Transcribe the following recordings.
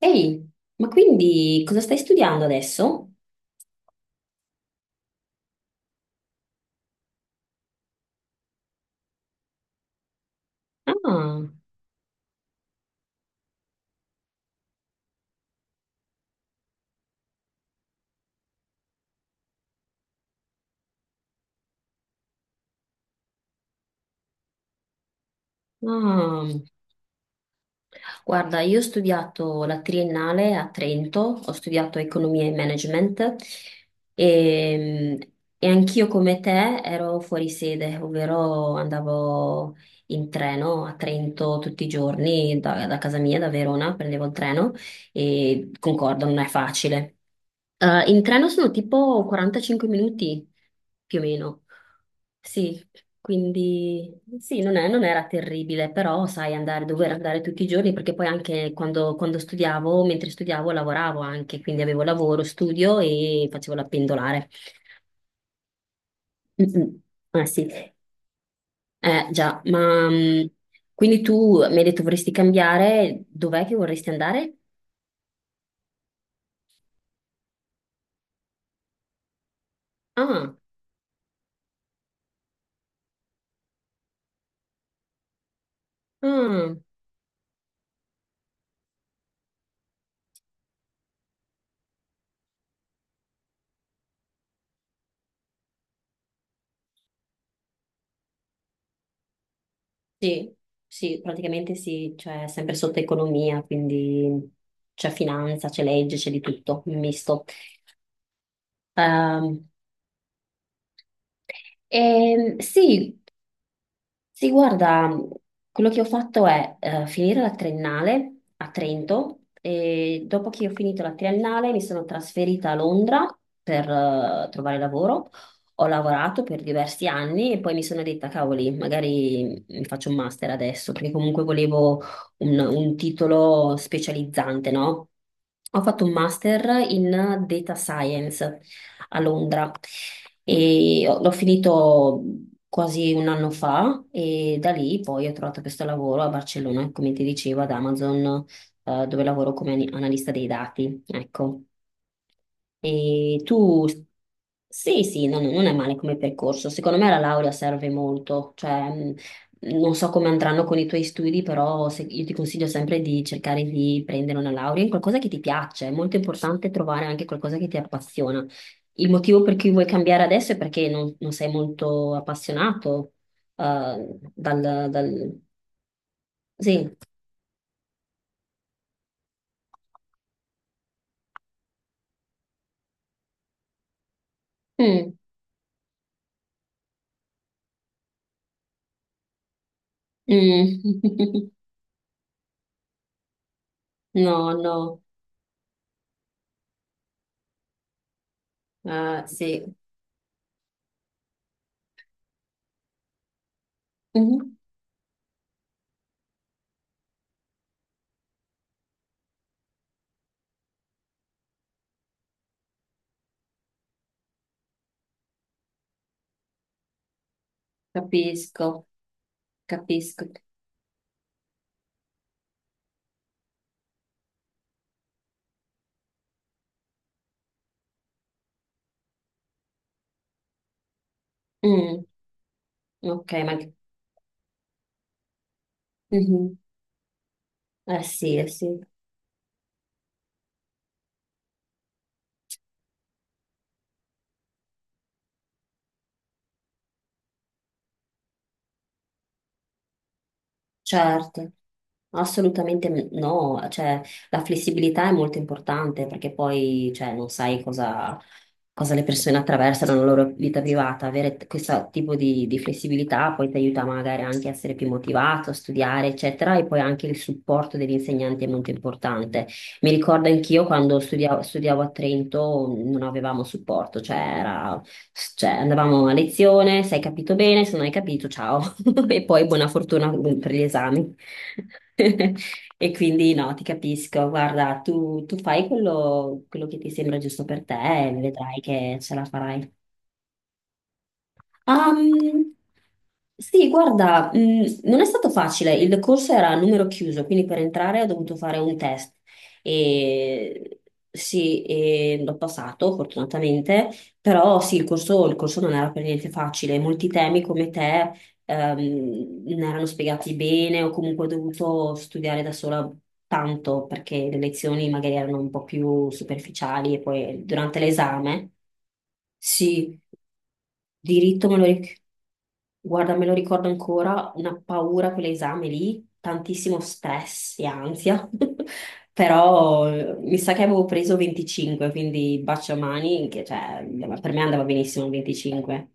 Ehi, ma quindi cosa stai studiando adesso? Ah, ah. Guarda, io ho studiato la triennale a Trento, ho studiato economia e management e, e anch'io come te ero fuori sede, ovvero andavo in treno a Trento tutti i giorni, da casa mia, da Verona, prendevo il treno e concordo, non è facile. In treno sono tipo 45 minuti più o meno. Sì, quindi sì, non è- non era terribile, però sai andare, dover andare tutti i giorni, perché poi anche quando studiavo, mentre studiavo lavoravo anche, quindi avevo lavoro, studio e facevo la pendolare. Mm-mm. Ah sì, già, ma quindi tu mi hai detto vorresti cambiare, dov'è che vorresti andare? Ah, ah, sì, sì, praticamente sì, cioè sempre sotto economia, quindi c'è finanza, c'è legge, c'è di tutto, un misto. Ehm, sì, sì, guarda, quello che ho fatto è finire la triennale a Trento e dopo che ho finito la triennale mi sono trasferita a Londra per trovare lavoro. Ho lavorato per diversi anni e poi mi sono detta, cavoli, magari mi faccio un master adesso, perché comunque volevo un titolo specializzante, no? Ho fatto un master in data science a Londra e ho- l'ho finito quasi un anno fa e da lì poi ho trovato questo lavoro a Barcellona, come ti dicevo, ad Amazon, dove lavoro come ani- analista dei dati, ecco. E tu, sì, sì, no, no, non è male come percorso. Secondo me la laurea serve molto. Cioè, mh, non so come andranno con i tuoi studi, però se- io ti consiglio sempre di cercare di prendere una laurea in qualcosa che ti piace. È molto importante trovare anche qualcosa che ti appassiona. Il motivo per cui vuoi cambiare adesso è perché non sei molto appassionato, eh, dal... Sì. Mm, mm. No, no, sì, Mhm, Capisco. Capisco. Mm, ok, ma... Mhm. Sì, eh sì, certo. Assolutamente me- no, cioè la flessibilità è molto importante perché poi cioè, non sai cosa, cosa le persone attraversano nella loro vita privata. Avere t- questo tipo di flessibilità poi ti aiuta magari anche a essere più motivato, a studiare, eccetera, e poi anche il supporto degli insegnanti è molto importante. Mi ricordo anch'io quando studiavo, studiavo a Trento non avevamo supporto, cioè, era- cioè, andavamo a lezione, se hai capito bene, se non hai capito, ciao, e poi buona fortuna per gli esami. E quindi no, ti capisco. Guarda, tu fai quello che ti sembra giusto per te e vedrai che ce la farai. Ehm, sì, guarda, non è stato facile, il corso era a numero chiuso, quindi per entrare ho dovuto fare un test e sì, e l'ho passato fortunatamente, però sì, il corso non era per niente facile, molti temi come te non erano spiegati bene o comunque ho dovuto studiare da sola tanto perché le lezioni magari erano un po' più superficiali e poi durante l'esame, sì. Diritto me lo ricordo. Guarda, me lo ricordo ancora, una paura quell'esame lì, tantissimo stress e ansia, però mi sa che avevo preso 25, quindi baciamani, che cioè, per me andava benissimo il 25.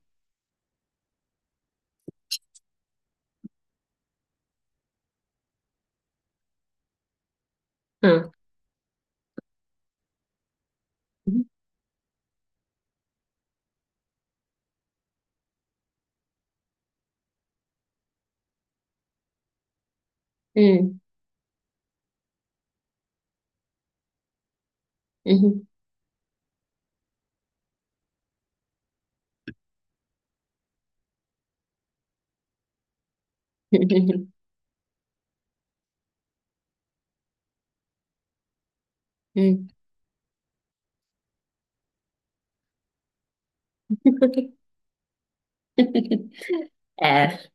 Ah. Mm. Mhm. Mm.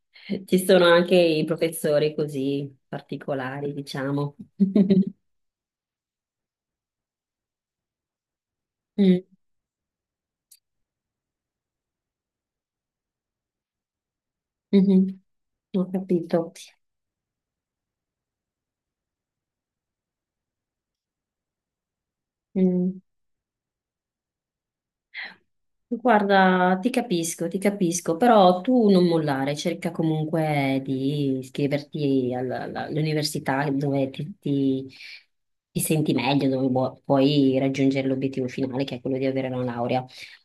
ci sono anche i professori così particolari, diciamo. Mm. Mhm. Ho capito. Mm. Guarda, ti capisco, però tu non mollare, cerca comunque di iscriverti alla- alla- all'università dove ti- ti senti meglio, dove vuo- puoi raggiungere l'obiettivo finale, che è quello di avere una laurea.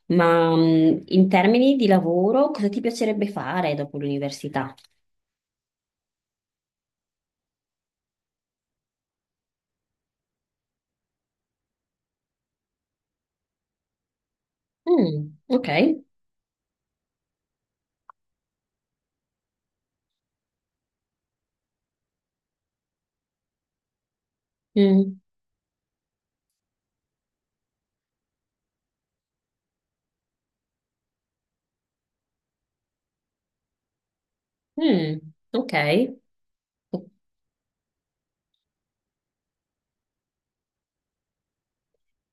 Ma in termini di lavoro, cosa ti piacerebbe fare dopo l'università? Mm, ok, Mm, mm, ok. ok.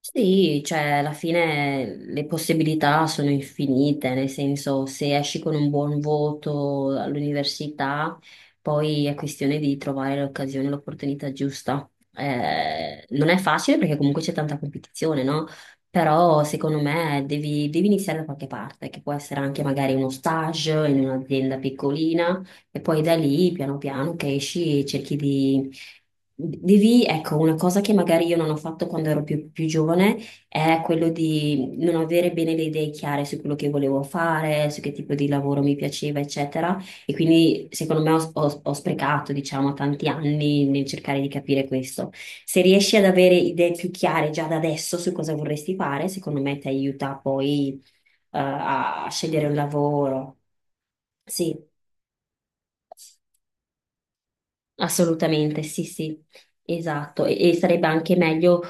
Sì, cioè alla fine le possibilità sono infinite, nel senso se esci con un buon voto all'università, poi è questione di trovare l'occasione, l'opportunità giusta. Non è facile perché comunque c'è tanta competizione, no? Però secondo me devi iniziare da qualche parte, che può essere anche magari uno stage in un'azienda piccolina e poi da lì, piano piano, che esci e cerchi di... Devi, ecco, una cosa che magari io non ho fatto quando ero più, più giovane è quello di non avere bene le idee chiare su quello che volevo fare, su che tipo di lavoro mi piaceva, eccetera. E quindi, secondo me, ho sprecato, diciamo, tanti anni nel cercare di capire questo. Se riesci ad avere idee più chiare già da adesso su cosa vorresti fare, secondo me ti aiuta poi, a scegliere un lavoro. Sì. Assolutamente, sì, sì, esatto. E sarebbe anche meglio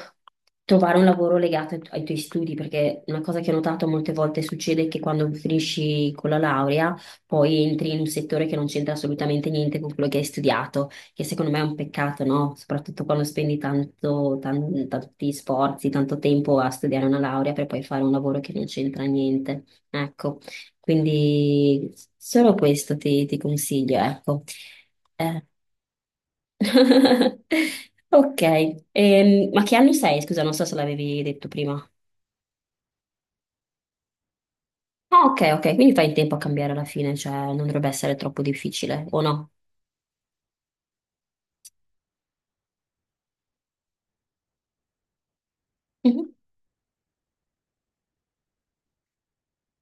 trovare un lavoro legato ai, tu- ai tuoi studi, perché una cosa che ho notato molte volte succede è che quando finisci con la laurea, poi entri in un settore che non c'entra assolutamente niente con quello che hai studiato, che secondo me è un peccato, no? Soprattutto quando spendi tanto, tan- tanti sforzi, tanto tempo a studiare una laurea per poi fare un lavoro che non c'entra niente. Ecco, quindi solo questo ti consiglio, ecco. Eh, ok, ma che anno sei? Scusa, non so se l'avevi detto prima. Ah, ok, ok, quindi fai in tempo a cambiare alla fine, cioè non dovrebbe essere troppo difficile, o no? Mhm.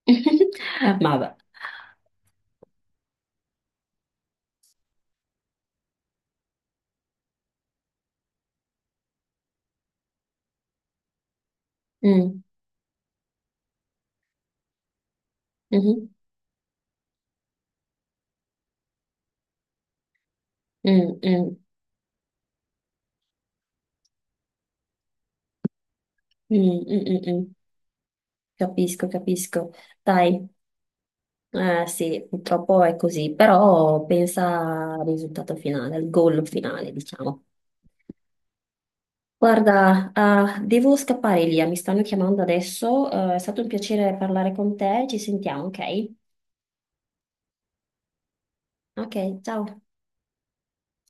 Eh. Ma vabbè. Mm, mhm, mm, mm, mm, mm, mm, mm. Capisco, capisco. Dai, sì, purtroppo è così, però pensa al risultato finale, al goal finale, diciamo. Guarda, ah, devo scappare, Elia, mi stanno chiamando adesso. Eh, è stato un piacere parlare con te, ci sentiamo, ok? Ok, ciao.